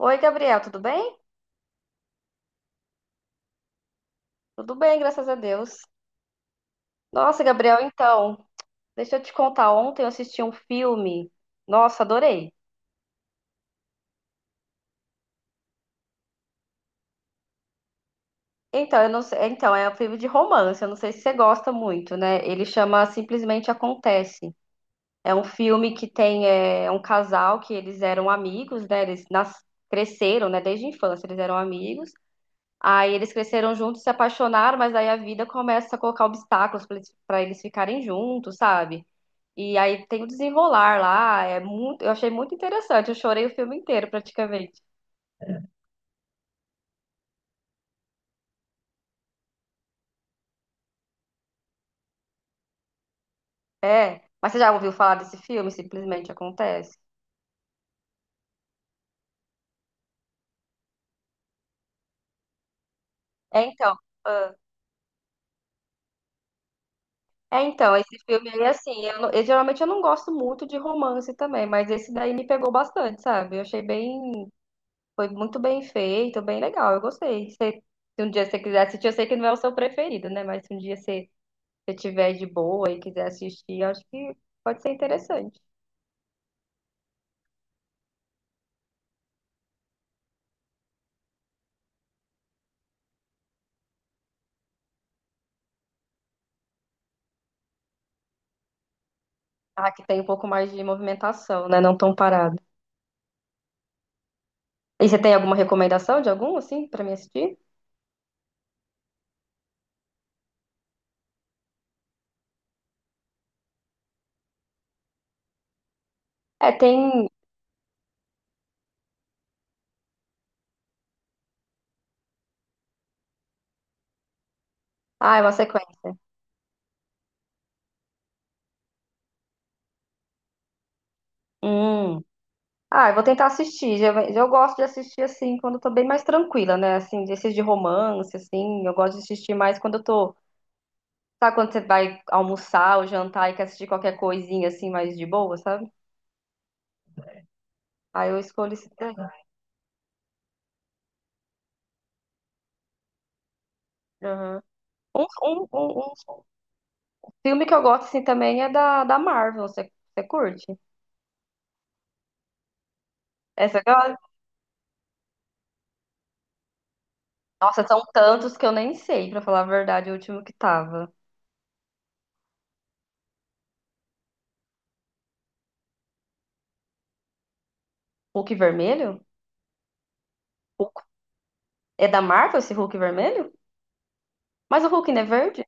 Oi, Gabriel, tudo bem? Tudo bem, graças a Deus. Nossa, Gabriel, então, deixa eu te contar. Ontem eu assisti um filme. Nossa, adorei. Então, eu não sei, então, é um filme de romance, eu não sei se você gosta muito, né? Ele chama Simplesmente Acontece. É um filme que tem um casal que eles eram amigos, né? Cresceram, né? Desde a infância eles eram amigos. Aí eles cresceram juntos, se apaixonaram, mas aí a vida começa a colocar obstáculos para eles pra eles ficarem juntos, sabe? E aí tem o desenrolar lá, eu achei muito interessante, eu chorei o filme inteiro praticamente. É, mas você já ouviu falar desse filme? Simplesmente acontece. É então, ah, esse filme aí assim, eu geralmente eu não gosto muito de romance também, mas esse daí me pegou bastante, sabe? Foi muito bem feito, bem legal, eu gostei. Se um dia você quiser assistir, eu sei que não é o seu preferido, né? Mas se um dia você tiver de boa e quiser assistir, eu acho que pode ser interessante. Ah, que tem um pouco mais de movimentação, né? Não tão parado. E você tem alguma recomendação de algum, assim, pra me assistir? É, tem. Ah, é uma sequência. Hum. Ah, eu vou tentar assistir. Eu gosto de assistir, assim, quando eu tô bem mais tranquila, né? Assim, desses de romance, assim. Eu gosto de assistir mais quando eu tô. Sabe quando você vai almoçar ou jantar e quer assistir qualquer coisinha, assim, mais de boa, sabe? Aí eu escolho esse daí. Aham. Um filme que eu gosto, assim, também é da Marvel. Você curte? Essa Nossa, são tantos que eu nem sei, pra falar a verdade, o último que tava. Hulk vermelho? Hulk- É da Marvel esse Hulk vermelho? Mas o Hulk não é verde?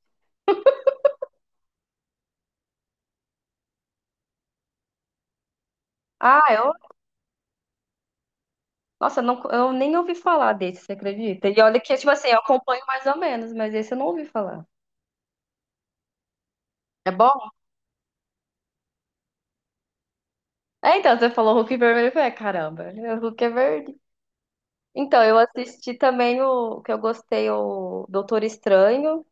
Ah, eu. Nossa, não, eu nem ouvi falar desse, você acredita? E olha que, tipo assim, eu acompanho mais ou menos, mas esse eu não ouvi falar. É bom? É, então, você falou Hulk vermelho, eu falei, "Ah, caramba, né, o Hulk é verde. Então, eu assisti também o que eu gostei, o Doutor Estranho.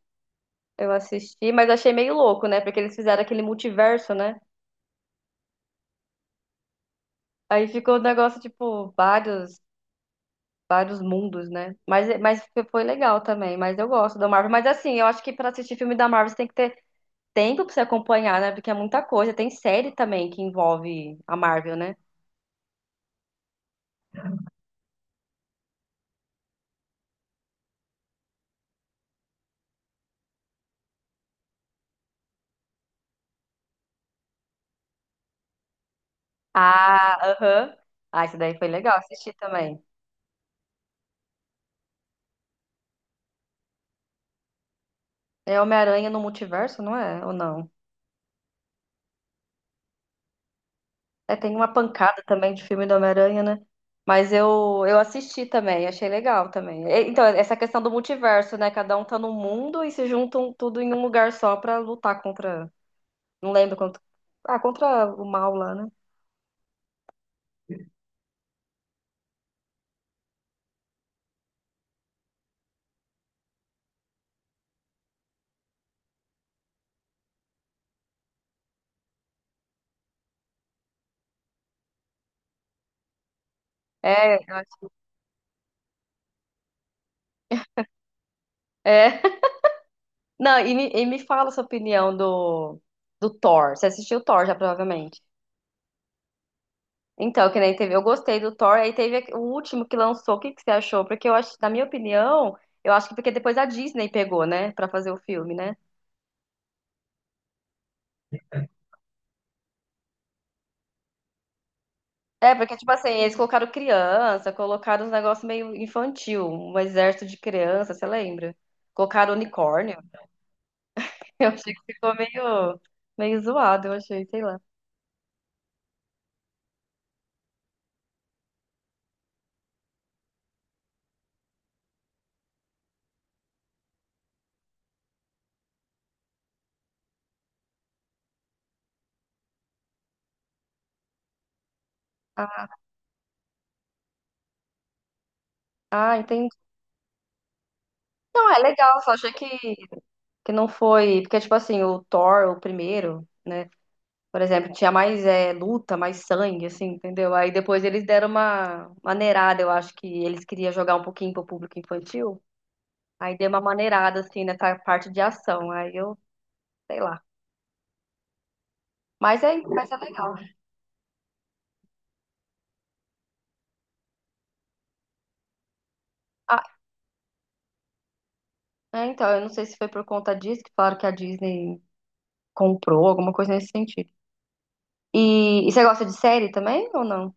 Eu assisti, mas achei meio louco, né? Porque eles fizeram aquele multiverso, né? Aí ficou o negócio, tipo, vários mundos, né? Mas, mas foi legal também, mas eu gosto da Marvel. Mas assim, eu acho que pra assistir filme da Marvel você tem que ter tempo pra você acompanhar, né? Porque é muita coisa. Tem série também que envolve a Marvel, né? Ah, aham. Ah, isso daí foi legal assistir também. É Homem-Aranha no Multiverso, não é? Ou não? É, tem uma pancada também de filme do Homem-Aranha, né? Mas eu assisti também, achei legal também. Então, essa questão do multiverso, né? Cada um tá num mundo e se juntam tudo em um lugar só pra lutar contra. Não lembro contra. Ah, contra o mal lá, né? É, eu acho. É. Não, e me fala sua opinião do Thor. Você assistiu o Thor já, provavelmente. Então, que nem teve. Eu gostei do Thor, aí teve o último que lançou. O que, que você achou? Porque eu acho, na minha opinião, eu acho que porque depois a Disney pegou, né? Pra fazer o filme, né? É, porque, tipo assim, eles colocaram criança, colocaram uns negócios meio infantil, um exército de criança, você lembra? Colocaram unicórnio. Eu achei que ficou meio zoado, eu achei, sei lá. Ah, entendi. Não, é legal, só achei que não foi. Porque, tipo assim, o Thor, o primeiro, né? Por exemplo, tinha mais luta, mais sangue, assim, entendeu? Aí depois eles deram uma maneirada, eu acho que eles queriam jogar um pouquinho pro público infantil. Aí deu uma maneirada, assim, nessa parte de ação. Sei lá. Mas mas é legal. Ah, é, então, eu não sei se foi por conta disso que falaram que a Disney comprou, alguma coisa nesse sentido. E você gosta de série também ou não?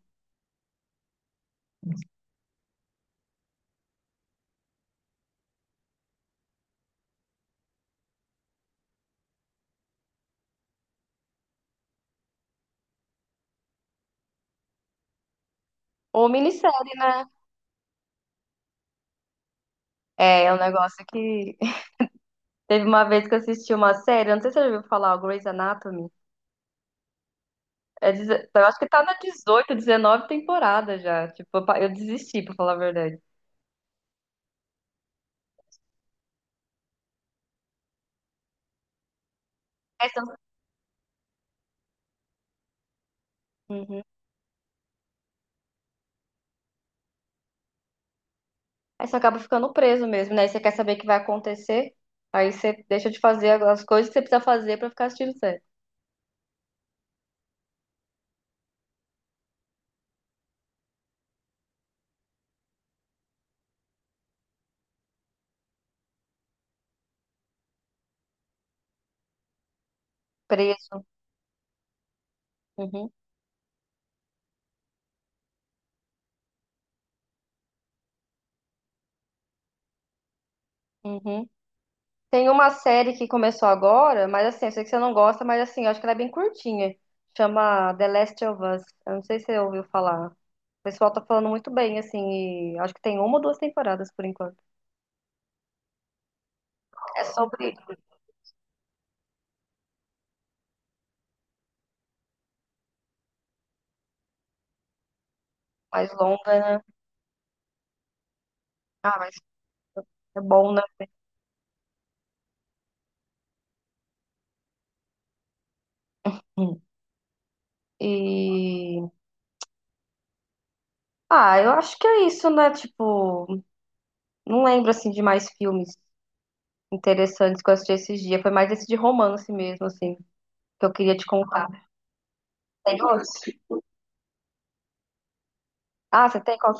Ou minissérie, né? É um negócio que. Teve uma vez que eu assisti uma série, eu não sei se você já ouviu falar, o Grey's Anatomy. É, eu acho que tá na 18 19 temporada já. Tipo, eu desisti, pra falar a verdade. Aí você, Uhum. Aí você acaba ficando preso mesmo, né? Aí você quer saber o que vai acontecer, aí você deixa de fazer as coisas que você precisa fazer pra ficar assistindo série. Preso. Uhum. Uhum. Tem uma série que começou agora, mas assim, eu sei que você não gosta, mas assim, eu acho que ela é bem curtinha. Chama The Last of Us. Eu não sei se você ouviu falar. O pessoal tá falando muito bem, assim, e acho que tem uma ou duas temporadas por enquanto. É sobre mais longa, né? Ah, mas é bom, né? Hum. E eu acho que é isso, né? Tipo, não lembro assim de mais filmes interessantes que eu assisti esses dias. Foi mais esse de romance mesmo, assim, que eu queria te contar. Tem outro? Ah, você tem qual?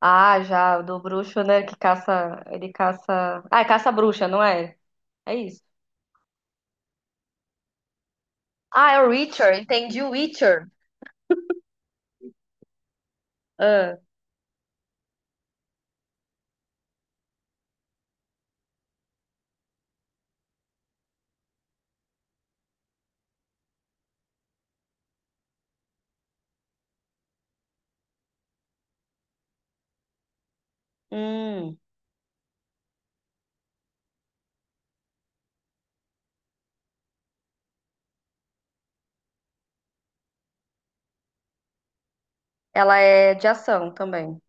Ah, já, do bruxo, né? Que caça. Ele caça. Ah, é caça-bruxa, não é? É isso. Ah, é o Witcher, entendi o Witcher. Ah, hum. Ela é de ação também.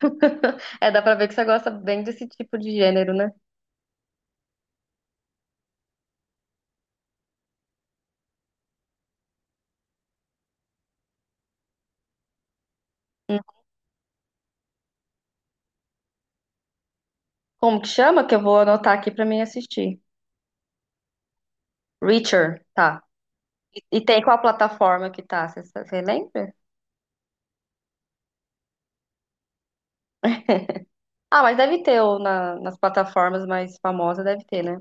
É, dá pra ver que você gosta bem desse tipo de gênero, né? Hum. Como que chama? Que eu vou anotar aqui pra mim assistir. Witcher, tá. E tem qual plataforma que tá? Você lembra? Ah, mas deve ter, ou nas plataformas mais famosas deve ter, né?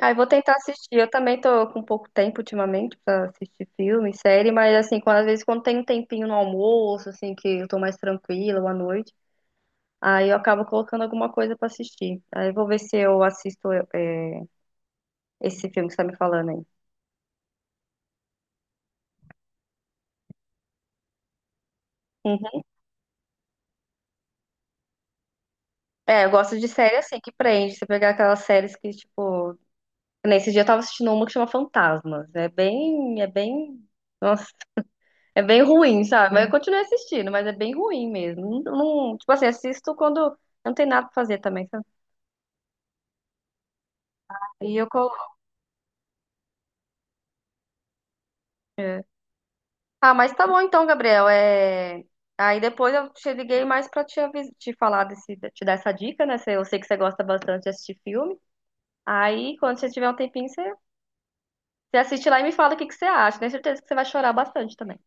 Ah, eu vou tentar assistir. Eu também tô com pouco tempo ultimamente pra assistir filme, série, mas assim, quando, às vezes quando tem um tempinho no almoço, assim, que eu tô mais tranquila ou à noite, aí eu acabo colocando alguma coisa pra assistir. Aí eu vou ver se eu assisto esse filme que você tá me falando aí. Uhum. É, eu gosto de série assim, que prende. Você pegar aquelas séries que, tipo. Nesse dia eu tava assistindo uma que chama Fantasmas. É bem. É bem. Nossa, é bem ruim, sabe? Mas eu continuo assistindo, mas é bem ruim mesmo. Tipo assim, assisto quando não tem nada pra fazer também, sabe? E eu coloco. É. Ah, mas tá bom então, Gabriel. Aí depois eu te liguei mais pra te falar desse, te dar essa dica, né? Eu sei que você gosta bastante de assistir filme. Aí, quando você tiver um tempinho, você assiste lá e me fala o que que você acha. Tenho certeza que você vai chorar bastante também.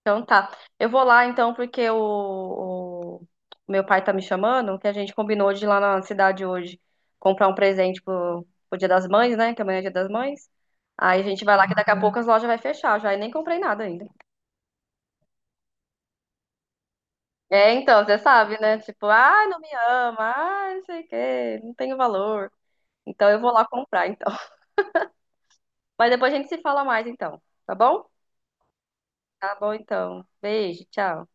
Então tá. Eu vou lá então, porque o o meu pai tá me chamando, que a gente combinou de ir lá na cidade hoje comprar um presente pro Dia das Mães, né? Que amanhã é Dia das Mães. Aí a gente vai lá que daqui a pouco as lojas vai fechar já. E nem comprei nada ainda. É, então, você sabe, né? Tipo, ah, não me ama, ah, não sei o quê, não tenho valor. Então eu vou lá comprar, então. Mas depois a gente se fala mais, então. Tá bom? Tá bom, então. Beijo, tchau.